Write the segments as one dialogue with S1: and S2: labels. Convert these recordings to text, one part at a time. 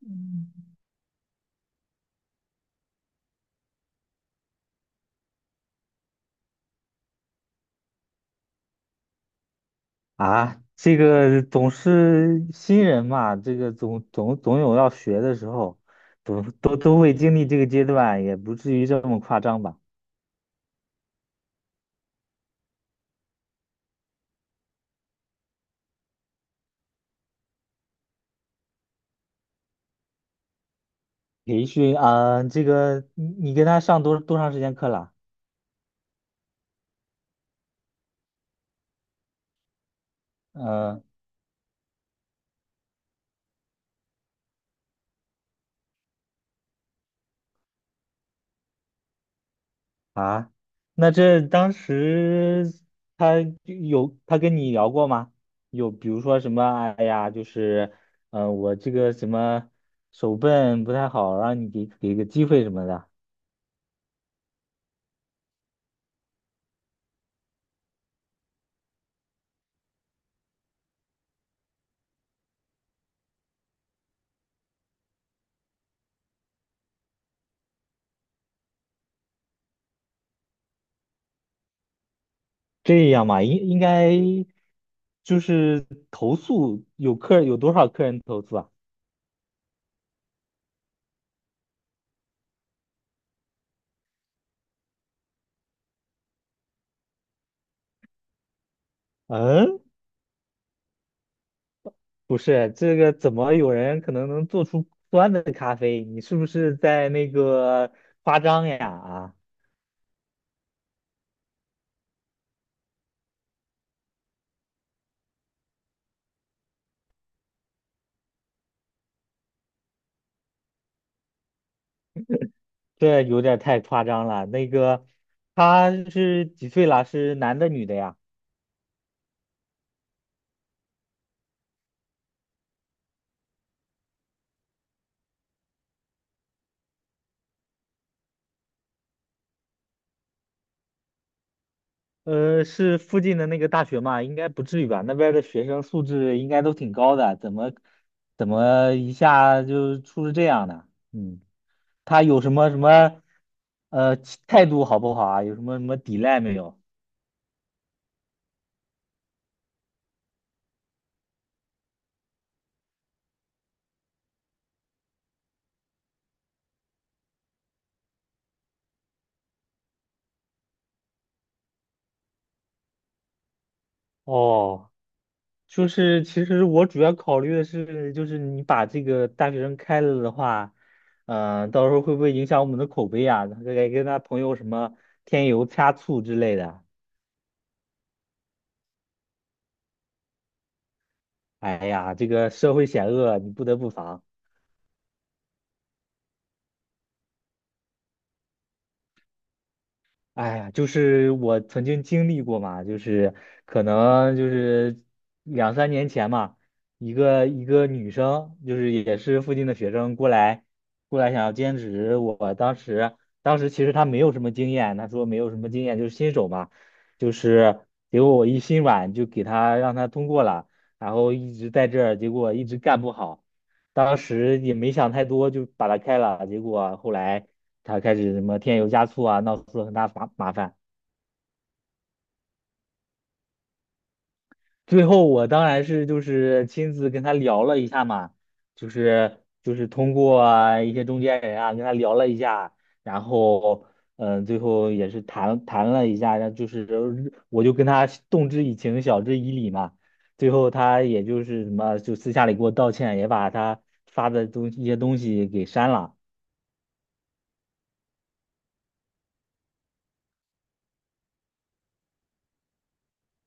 S1: 嗯啊，这个总是新人嘛，这个总有要学的时候，都会经历这个阶段，也不至于这么夸张吧？培训啊，这个你跟他上多长时间课了？嗯、啊，那这当时他有他跟你聊过吗？有比如说什么，哎呀，就是我这个什么手笨不太好，让你给个机会什么的。这样嘛，应该就是投诉有多少客人投诉啊？嗯，不是，这个怎么有人能做出酸的咖啡？你是不是在那个夸张呀？啊，这有点太夸张了。那个他是几岁了？是男的女的呀？呃，是附近的那个大学嘛？应该不至于吧？那边儿的学生素质应该都挺高的，怎么一下就出了这样的？嗯。他有什么呃态度好不好啊？有什么抵赖没有？哦，就是其实我主要考虑的是，就是你把这个大学生开了的话，嗯，到时候会不会影响我们的口碑啊？他该跟他朋友什么添油加醋之类的。哎呀，这个社会险恶，你不得不防。哎呀，就是我曾经经历过嘛，就是可能就是两三年前嘛，一个女生，就是也是附近的学生过来想要兼职，我当时其实她没有什么经验，她说没有什么经验，就是新手嘛，就是结果我一心软就给她让她通过了，然后一直在这儿，结果一直干不好。当时也没想太多，就把他开了。结果啊后来他开始什么添油加醋啊，闹出了很大麻烦。最后我当然是就是亲自跟他聊了一下嘛，就是通过啊一些中间人啊跟他聊了一下，然后最后也是谈了一下，然后就是我就跟他动之以情，晓之以理嘛。最后他也就是什么就私下里给我道歉，也把他发的一些东西给删了。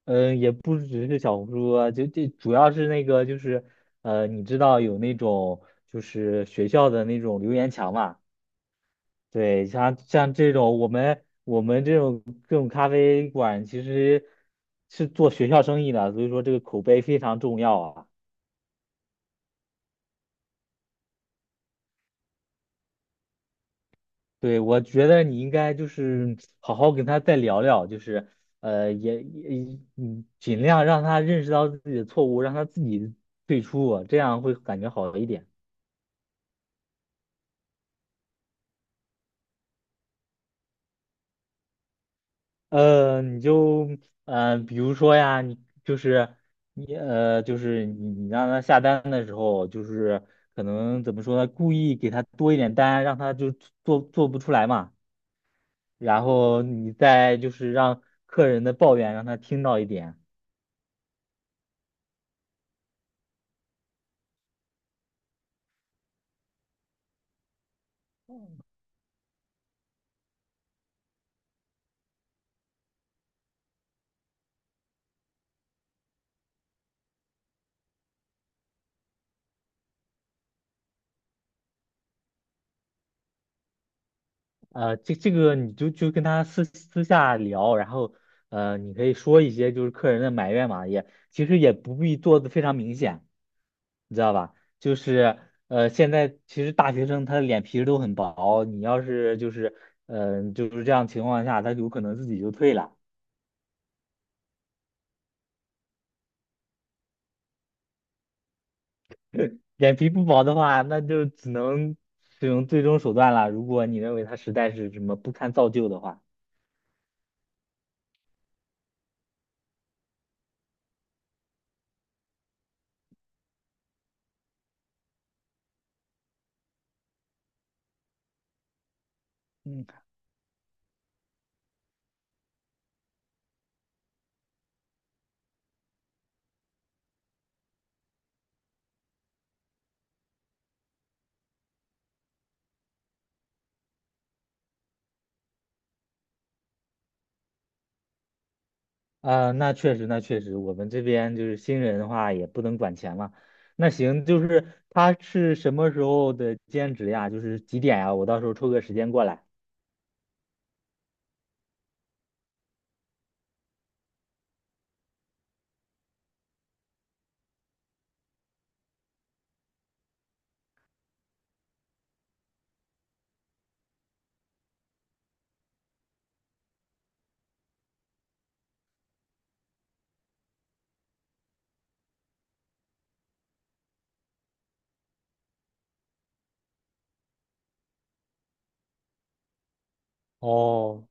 S1: 嗯，也不只是小红书啊，就这主要是那个就是，呃，你知道有那种就是学校的那种留言墙嘛？对，像这种我们这种咖啡馆其实是做学校生意的，所以说这个口碑非常重要啊。对，我觉得你应该就是好好跟他再聊聊，就是呃，也也嗯，尽量让他认识到自己的错误，让他自己退出啊，这样会感觉好一点。呃，呃，比如说呀，就是就是你让他下单的时候，就是可能怎么说呢，故意给他多一点单，让他就做不出来嘛，然后你再就是让客人的抱怨让他听到一点。呃，这个你就跟他私下聊，然后呃，你可以说一些就是客人的埋怨嘛，也其实也不必做的非常明显，你知道吧？就是呃，现在其实大学生他的脸皮都很薄，你要是就是就是这样情况下，他有可能自己就退了。脸皮不薄的话，那就只能使用最终手段了。如果你认为他实在是什么不堪造就的话。嗯。啊，那确实，那确实，我们这边就是新人的话也不能管钱嘛。那行，就是他是什么时候的兼职呀？就是几点呀？我到时候抽个时间过来。哦，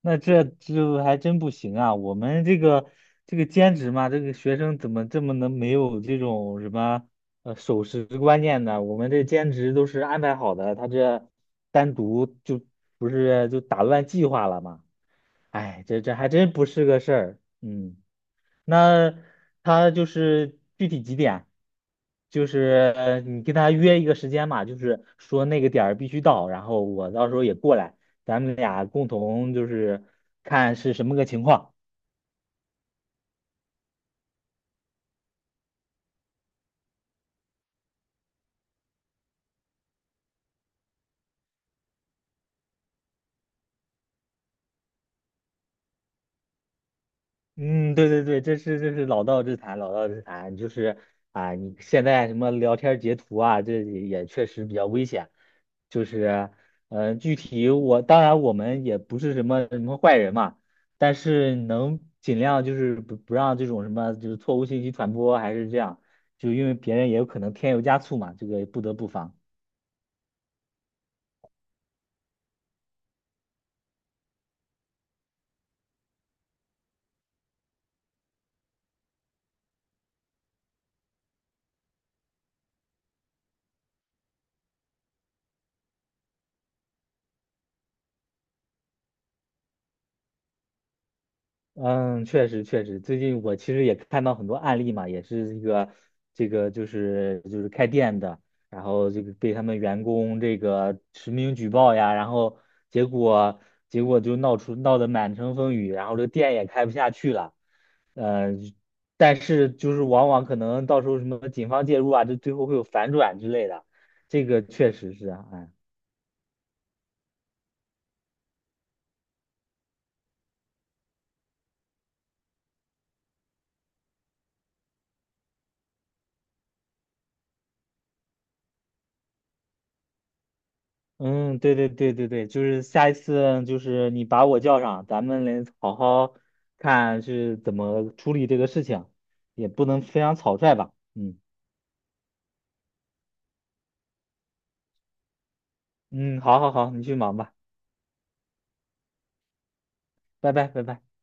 S1: 那这还真不行啊！我们这个这个兼职嘛，这个学生怎么这么能没有这种什么呃守时观念呢？我们这兼职都是安排好的，他这单独就不是就打乱计划了吗？哎，这还真不是个事儿。嗯，那他就是具体几点？就是呃，你跟他约一个时间嘛，就是说那个点儿必须到，然后我到时候也过来，咱们俩共同就是看是什么个情况。嗯，对对对，这是老道之谈，老道之谈就是啊，你现在什么聊天截图啊，这也确实比较危险。就是，呃，具体我当然我们也不是什么什么坏人嘛，但是能尽量就是不让这种什么就是错误信息传播，还是这样，就因为别人也有可能添油加醋嘛，这个不得不防。嗯，确实确实，最近我其实也看到很多案例嘛，也是一个这个就是开店的，然后这个被他们员工这个实名举报呀，然后结果结果就闹得满城风雨，然后这店也开不下去了，呃，但是就是往往可能到时候什么警方介入啊，就最后会有反转之类的，这个确实是啊，哎。嗯，对对对对对，就是下一次就是你把我叫上，咱们来好好看是怎么处理这个事情，也不能非常草率吧。嗯嗯，好好好，你去忙吧，拜拜拜拜。